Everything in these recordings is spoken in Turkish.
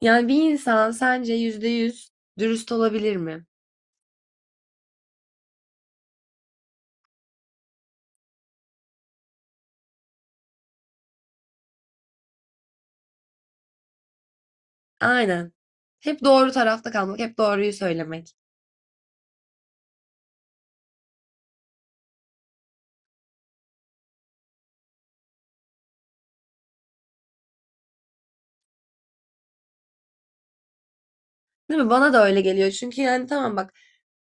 Yani bir insan sence %100 dürüst olabilir mi? Aynen. Hep doğru tarafta kalmak, hep doğruyu söylemek. Değil mi? Bana da öyle geliyor. Çünkü yani tamam bak,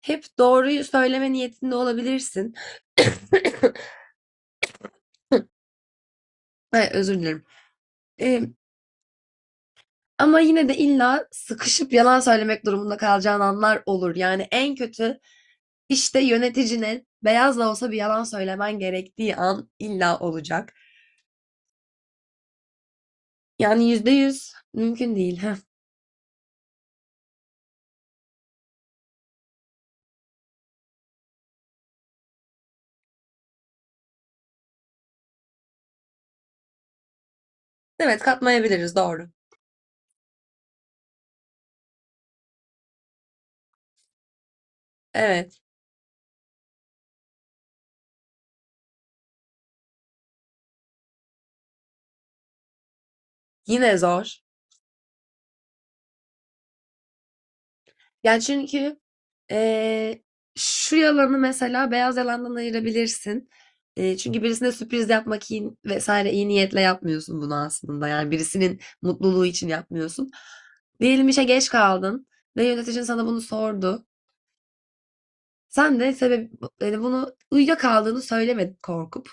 hep doğruyu söyleme niyetinde olabilirsin. Ay, özür dilerim. Ee, ama yine de illa sıkışıp yalan söylemek durumunda kalacağın anlar olur. Yani en kötü işte yöneticine beyaz da olsa bir yalan söylemen gerektiği an illa olacak. Yani %100 mümkün değil. Evet, katmayabiliriz. Doğru. Evet, yine zor. Yani çünkü eee, şu yalanı mesela beyaz yalandan ayırabilirsin. Çünkü birisine sürpriz yapmak iyi, vesaire iyi niyetle yapmıyorsun bunu aslında. Yani birisinin mutluluğu için yapmıyorsun. Diyelim işe geç kaldın ve yöneticin sana bunu sordu. Sen de sebep yani bunu uyuyakaldığını söylemedin korkup.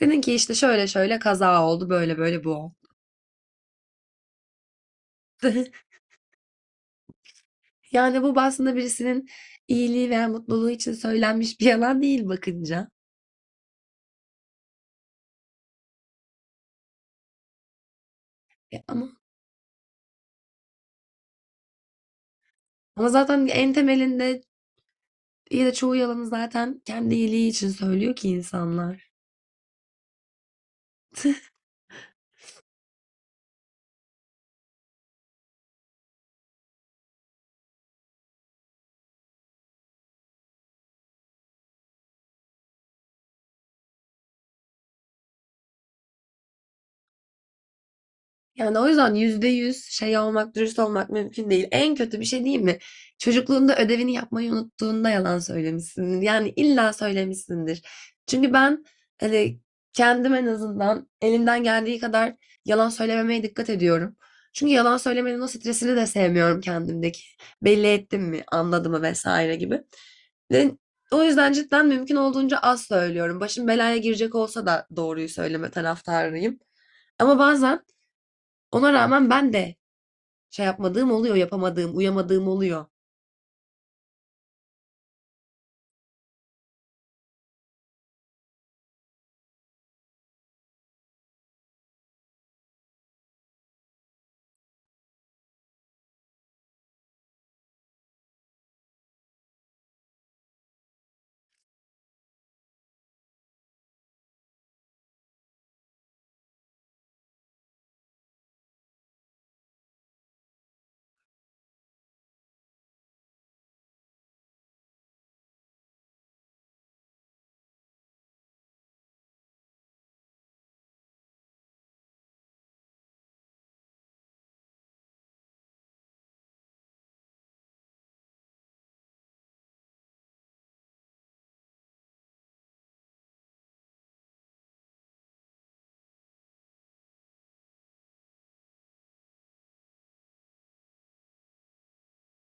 Dedin ki işte şöyle şöyle kaza oldu böyle böyle bu oldu. Yani bu aslında birisinin iyiliği veya mutluluğu için söylenmiş bir yalan değil bakınca. E, ama ama zaten en temelinde ya da çoğu yalanı zaten kendi iyiliği için söylüyor ki insanlar. Yani o yüzden yüzde yüz şey olmak, dürüst olmak mümkün değil. En kötü bir şey değil mi? Çocukluğunda ödevini yapmayı unuttuğunda yalan söylemişsindir. Yani illa söylemişsindir. Çünkü ben hani kendim en azından elimden geldiği kadar yalan söylememeye dikkat ediyorum. Çünkü yalan söylemenin o stresini de sevmiyorum kendimdeki. Belli ettim mi, anladım mı vesaire gibi. Ve o yüzden cidden mümkün olduğunca az söylüyorum. Başım belaya girecek olsa da doğruyu söyleme taraftarıyım. Ama bazen ona rağmen ben de şey yapmadığım oluyor, yapamadığım, uyamadığım oluyor.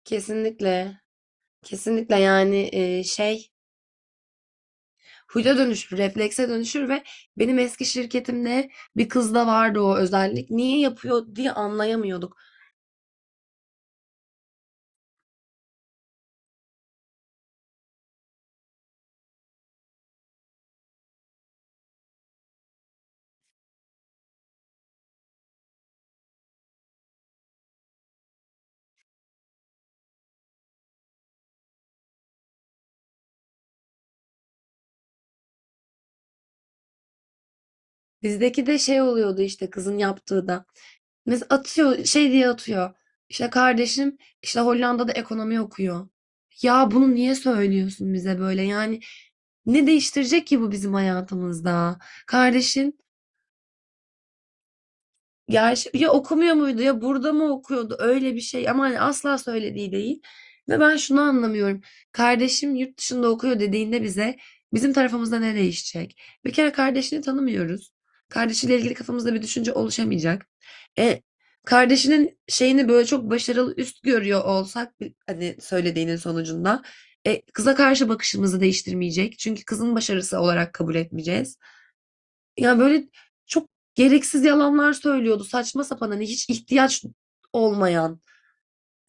Kesinlikle. Kesinlikle yani şey huyda dönüşür, reflekse dönüşür ve benim eski şirketimde bir kızda vardı o özellik. Niye yapıyor diye anlayamıyorduk. Bizdeki de şey oluyordu işte kızın yaptığı da. Mesela atıyor şey diye atıyor. İşte kardeşim işte Hollanda'da ekonomi okuyor. Ya bunu niye söylüyorsun bize böyle? Yani ne değiştirecek ki bu bizim hayatımızda? Kardeşin. Ya, ya okumuyor muydu ya burada mı okuyordu öyle bir şey ama hani asla söylediği değil. Ve ben şunu anlamıyorum. Kardeşim yurt dışında okuyor dediğinde bize bizim tarafımızda ne değişecek? Bir kere kardeşini tanımıyoruz. Kardeşiyle ilgili kafamızda bir düşünce oluşamayacak. E, kardeşinin şeyini böyle çok başarılı üst görüyor olsak hani söylediğinin sonucunda kıza karşı bakışımızı değiştirmeyecek. Çünkü kızın başarısı olarak kabul etmeyeceğiz. Yani böyle çok gereksiz yalanlar söylüyordu. Saçma sapan, hani, hiç ihtiyaç olmayan.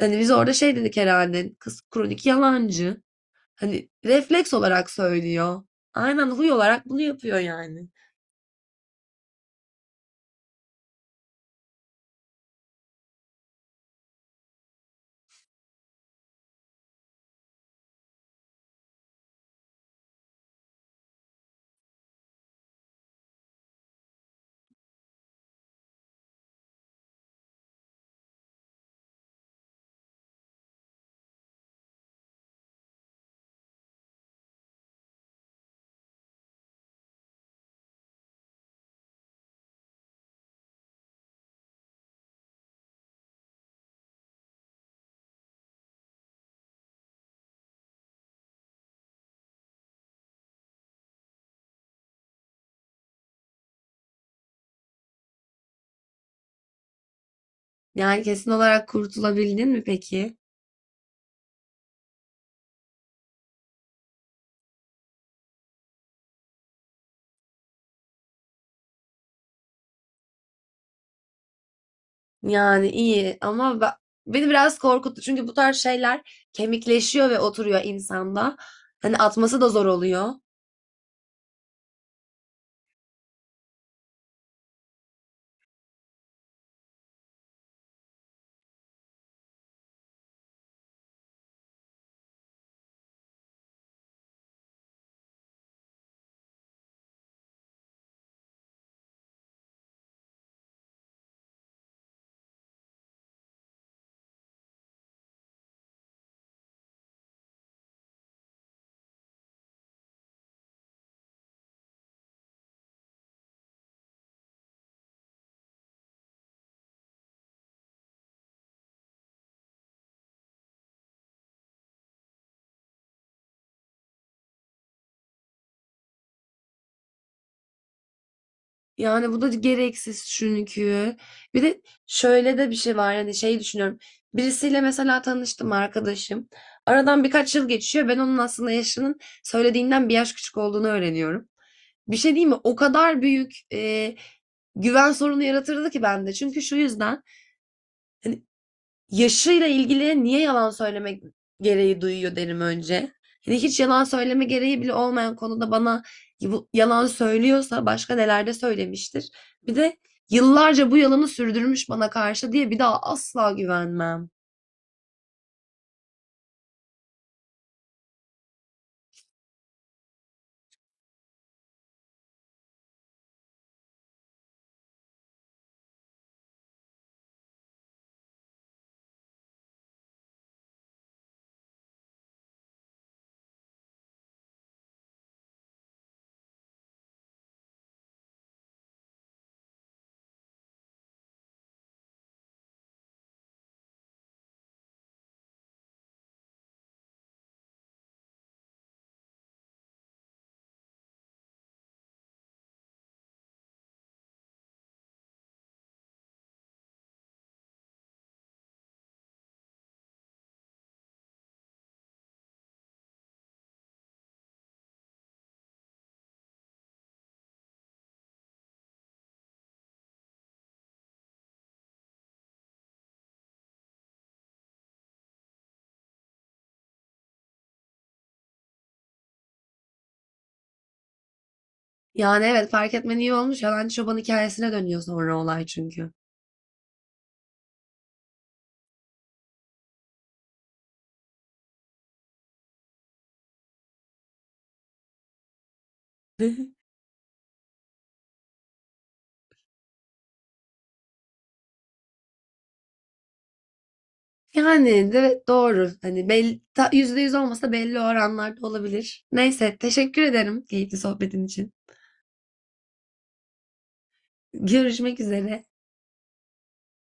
Hani, biz orada şey dedik herhalde, "Kız kronik yalancı." Hani, refleks olarak söylüyor. Aynen, huy olarak bunu yapıyor yani. Yani, kesin olarak kurtulabildin mi peki? Yani, iyi ama beni biraz korkuttu. Çünkü bu tarz şeyler kemikleşiyor ve oturuyor insanda. Hani, atması da zor oluyor. Yani bu da gereksiz çünkü. Bir de şöyle de bir şey var. Yani şey düşünüyorum. Birisiyle mesela tanıştım arkadaşım. Aradan birkaç yıl geçiyor. Ben onun aslında yaşının söylediğinden bir yaş küçük olduğunu öğreniyorum. Bir şey değil mi? O kadar büyük güven sorunu yaratırdı ki bende. Çünkü şu yüzden hani, yaşıyla ilgili niye yalan söylemek gereği duyuyor derim önce. Hani hiç yalan söyleme gereği bile olmayan konuda bana yalan söylüyorsa başka nelerde söylemiştir. Bir de yıllarca bu yalanı sürdürmüş bana karşı diye bir daha asla güvenmem. Yani evet fark etmen iyi olmuş. Yalancı çoban hikayesine dönüyor sonra olay çünkü. Yani evet doğru. Hani belli, %100 olmasa da belli oranlarda olabilir. Neyse teşekkür ederim keyifli sohbetin için. Görüşmek üzere.